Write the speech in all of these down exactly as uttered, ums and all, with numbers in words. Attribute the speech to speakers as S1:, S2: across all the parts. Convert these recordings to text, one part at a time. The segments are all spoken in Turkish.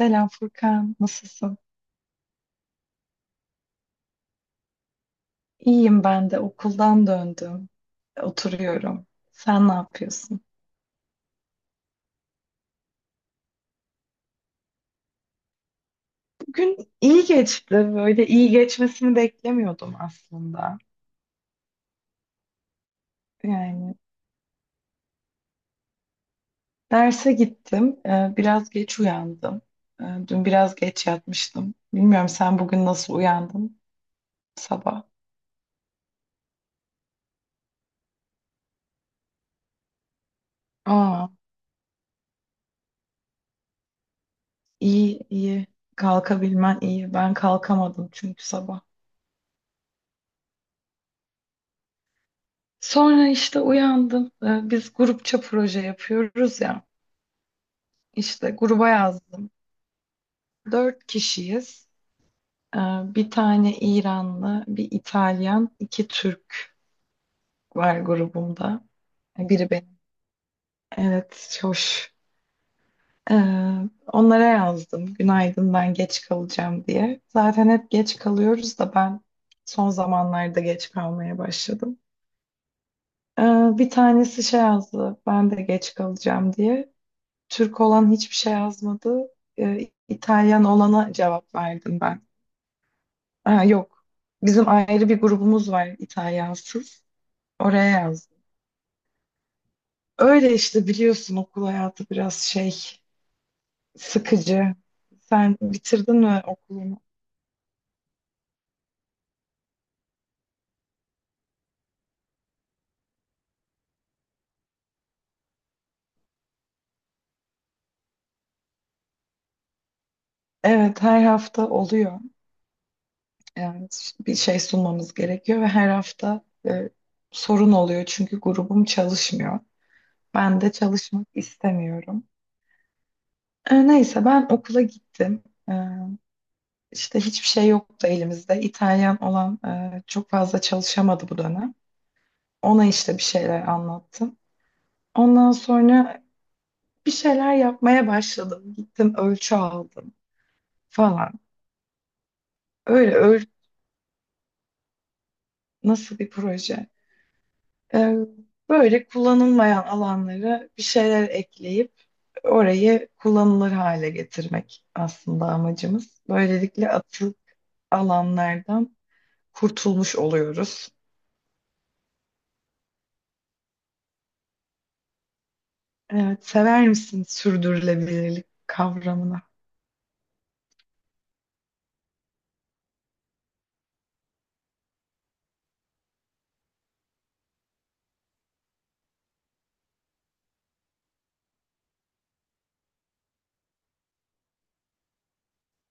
S1: Selam Furkan, nasılsın? İyiyim ben de okuldan döndüm. Oturuyorum. Sen ne yapıyorsun? Bugün iyi geçti. Böyle iyi geçmesini beklemiyordum aslında. Yani derse gittim. Ee, Biraz geç uyandım. Ee, Dün biraz geç yatmıştım. Bilmiyorum sen bugün nasıl uyandın sabah? Aa, iyi iyi. Kalkabilmen iyi. Ben kalkamadım çünkü sabah. Sonra işte uyandım. Ee, Biz grupça proje yapıyoruz ya. İşte gruba yazdım. Dört kişiyiz. Ee, Bir tane İranlı, bir İtalyan, iki Türk var grubumda. Biri benim. Evet, hoş. Ee, Onlara yazdım. Günaydın ben geç kalacağım diye. Zaten hep geç kalıyoruz da ben son zamanlarda geç kalmaya başladım. Ee, Bir tanesi şey yazdı. Ben de geç kalacağım diye. Türk olan hiçbir şey yazmadı. Ee, İtalyan olana cevap verdim ben. Ha, yok. Bizim ayrı bir grubumuz var İtalyansız. Oraya yazdım. Öyle işte biliyorsun okul hayatı biraz şey sıkıcı. Sen bitirdin mi okulunu? Evet her hafta oluyor. Yani bir şey sunmamız gerekiyor ve her hafta e, sorun oluyor çünkü grubum çalışmıyor. Ben de çalışmak istemiyorum. E, neyse ben okula gittim. E, işte hiçbir şey yoktu elimizde. İtalyan olan e, çok fazla çalışamadı bu dönem. Ona işte bir şeyler anlattım. Ondan sonra bir şeyler yapmaya başladım. Gittim ölçü aldım falan. Öyle öl nasıl bir proje? Ee, Böyle kullanılmayan alanlara bir şeyler ekleyip orayı kullanılır hale getirmek aslında amacımız. Böylelikle atık alanlardan kurtulmuş oluyoruz. Evet, sever misin sürdürülebilirlik kavramını?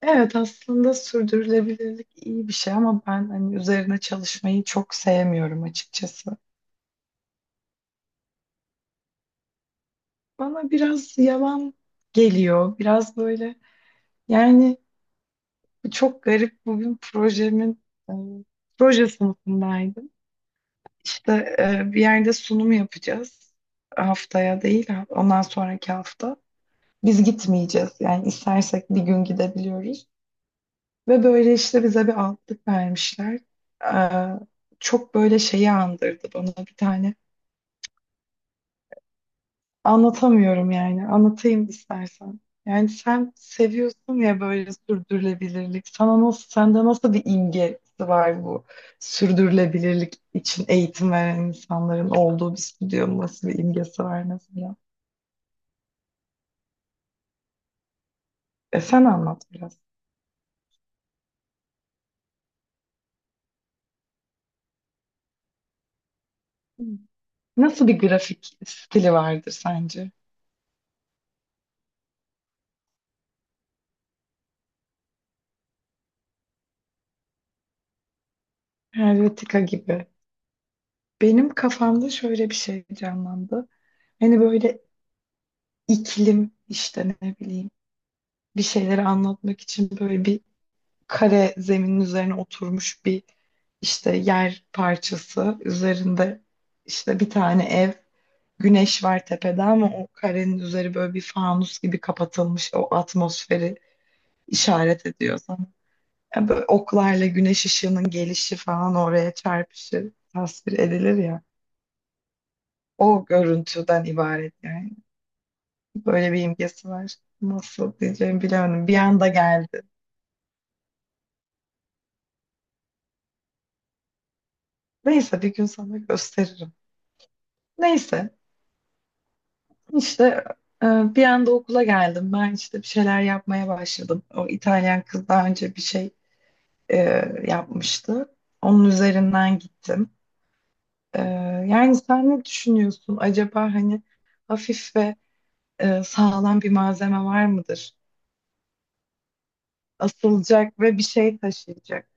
S1: Evet aslında sürdürülebilirlik iyi bir şey ama ben hani üzerine çalışmayı çok sevmiyorum açıkçası. Bana biraz yalan geliyor. Biraz böyle yani çok garip bugün projemin e, proje sınıfındaydım. İşte e, bir yerde sunum yapacağız. Haftaya değil ha- ondan sonraki hafta. Biz gitmeyeceğiz. Yani istersek bir gün gidebiliyoruz. Ve böyle işte bize bir altlık vermişler. Eee, Çok böyle şeyi andırdı bana bir tane. Anlatamıyorum yani. Anlatayım istersen. Yani sen seviyorsun ya böyle sürdürülebilirlik. Sana nasıl, sende nasıl bir imgesi var bu sürdürülebilirlik için eğitim veren insanların olduğu bir stüdyonun nasıl bir imgesi var mesela? E sen anlat biraz. Nasıl bir grafik stili vardır sence? Helvetica gibi. Benim kafamda şöyle bir şey canlandı. Hani böyle iklim işte ne bileyim bir şeyleri anlatmak için böyle bir kare zeminin üzerine oturmuş bir işte yer parçası üzerinde işte bir tane ev güneş var tepede ama o karenin üzeri böyle bir fanus gibi kapatılmış o atmosferi işaret ediyor sana. Ya böyle oklarla güneş ışığının gelişi falan oraya çarpışı tasvir edilir ya. O görüntüden ibaret yani. Böyle bir imgesi var. Nasıl diyeceğimi bilemedim. Bir anda geldi. Neyse bir gün sana gösteririm. Neyse işte e, bir anda okula geldim. Ben işte bir şeyler yapmaya başladım. O İtalyan kız daha önce bir şey e, yapmıştı. Onun üzerinden gittim. E, Yani sen ne düşünüyorsun? Acaba hani hafif ve e, sağlam bir malzeme var mıdır? Asılacak ve bir şey taşıyacak.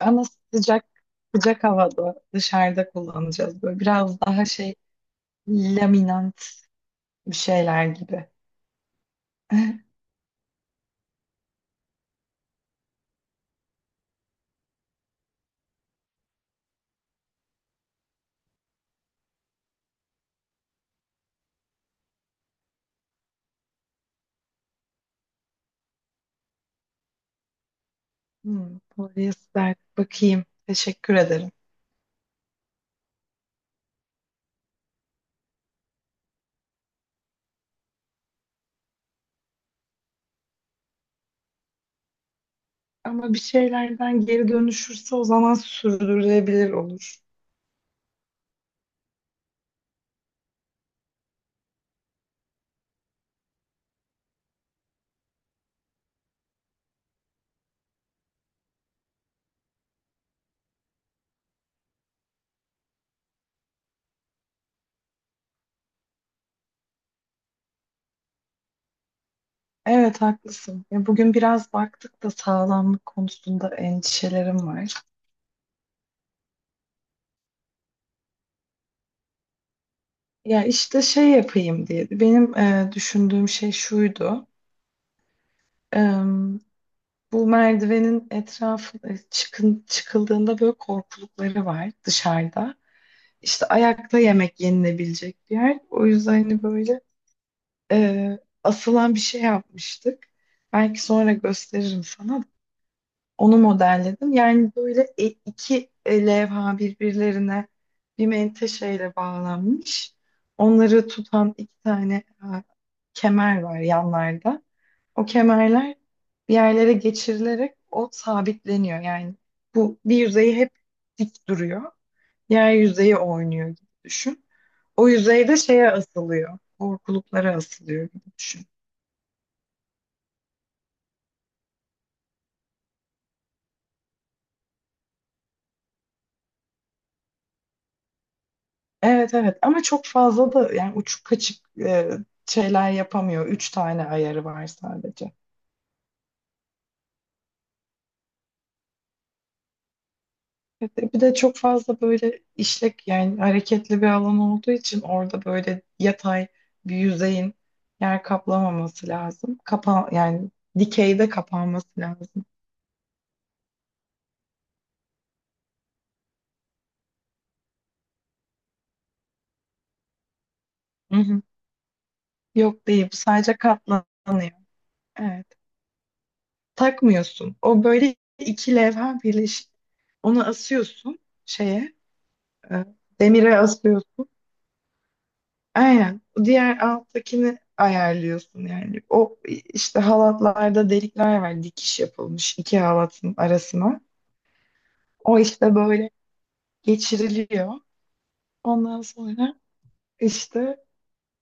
S1: Ama sıcak sıcak havada dışarıda kullanacağız. Böyle biraz daha şey laminant bir şeyler gibi. Hmm, polyester bakayım. Teşekkür ederim. Ama bir şeylerden geri dönüşürse o zaman sürdürülebilir olur. Evet haklısın. Ya bugün biraz baktık da sağlamlık konusunda endişelerim var. Ya işte şey yapayım diye. Benim e, düşündüğüm şey şuydu. Bu merdivenin etrafı e, çıkın, çıkıldığında böyle korkulukları var dışarıda. İşte ayakta yemek yenilebilecek bir yer. O yüzden hani böyle e, asılan bir şey yapmıştık. Belki sonra gösteririm sana. Onu modelledim. Yani böyle e- iki levha birbirlerine bir menteşeyle bağlanmış. Onları tutan iki tane e, kemer var yanlarda. O kemerler bir yerlere geçirilerek o sabitleniyor. Yani bu bir yüzeyi hep dik duruyor. Diğer yüzeyi oynuyor gibi düşün. O yüzey de şeye asılıyor. Korkuluklara asılıyor gibi düşün. Evet evet ama çok fazla da yani uçuk kaçık e, şeyler yapamıyor. Üç tane ayarı var sadece. Bir de bir de çok fazla böyle işlek yani hareketli bir alan olduğu için orada böyle yatay bir yüzeyin yer kaplamaması lazım. Kapa yani dikeyde kapanması lazım. Hı hı. Yok değil bu sadece katlanıyor. Evet. Takmıyorsun. O böyle iki levha birleşik. Onu asıyorsun şeye, e, demire asıyorsun. Aynen. Diğer alttakini ayarlıyorsun yani. O işte halatlarda delikler var. Dikiş yapılmış iki halatın arasına. O işte böyle geçiriliyor. Ondan sonra işte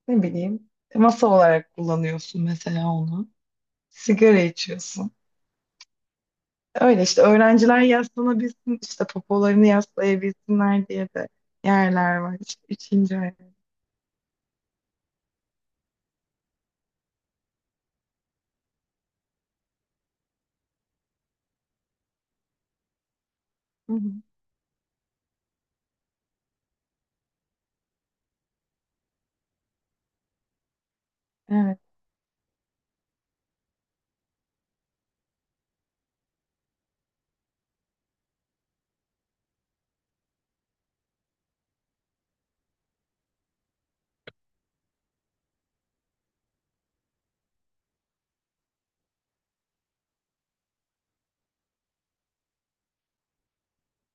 S1: ne bileyim masa olarak kullanıyorsun mesela onu. Sigara içiyorsun. Öyle işte öğrenciler yaslanabilsin işte popolarını yaslayabilsinler diye de yerler var. İşte üçüncü ay. Hı hı. Evet.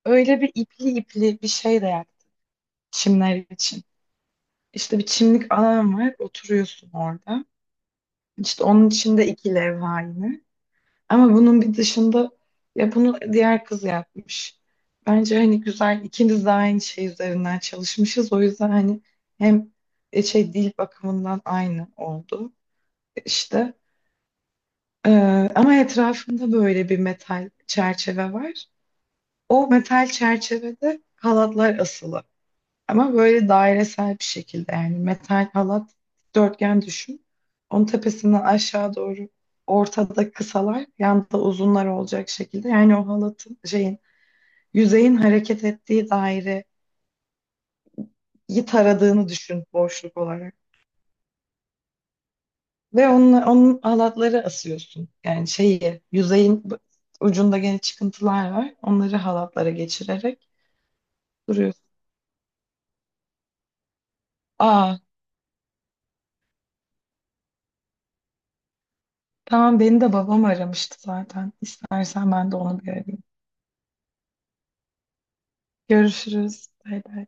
S1: Öyle bir ipli ipli bir şey de yaptım çimler için. İşte bir çimlik alan var. Oturuyorsun orada. İşte onun içinde iki levha yine. Ama bunun bir dışında ya bunu diğer kız yapmış. Bence hani güzel ikimiz de aynı şey üzerinden çalışmışız. O yüzden hani hem e, şey dil bakımından aynı oldu işte. Ama etrafında böyle bir metal çerçeve var. O metal çerçevede halatlar asılı. Ama böyle dairesel bir şekilde yani metal halat dörtgen düşün. Onun tepesinden aşağı doğru ortada kısalar, yanda uzunlar olacak şekilde. Yani o halatın şeyin yüzeyin hareket ettiği daireyi taradığını düşün boşluk olarak. Ve onunla, onun halatları asıyorsun. Yani şeyi yüzeyin b- ucunda gene çıkıntılar var. Onları halatlara geçirerek duruyorsun. Aa tamam beni de babam aramıştı zaten. İstersen ben de onu bir arayayım. Görüşürüz. Bay bay.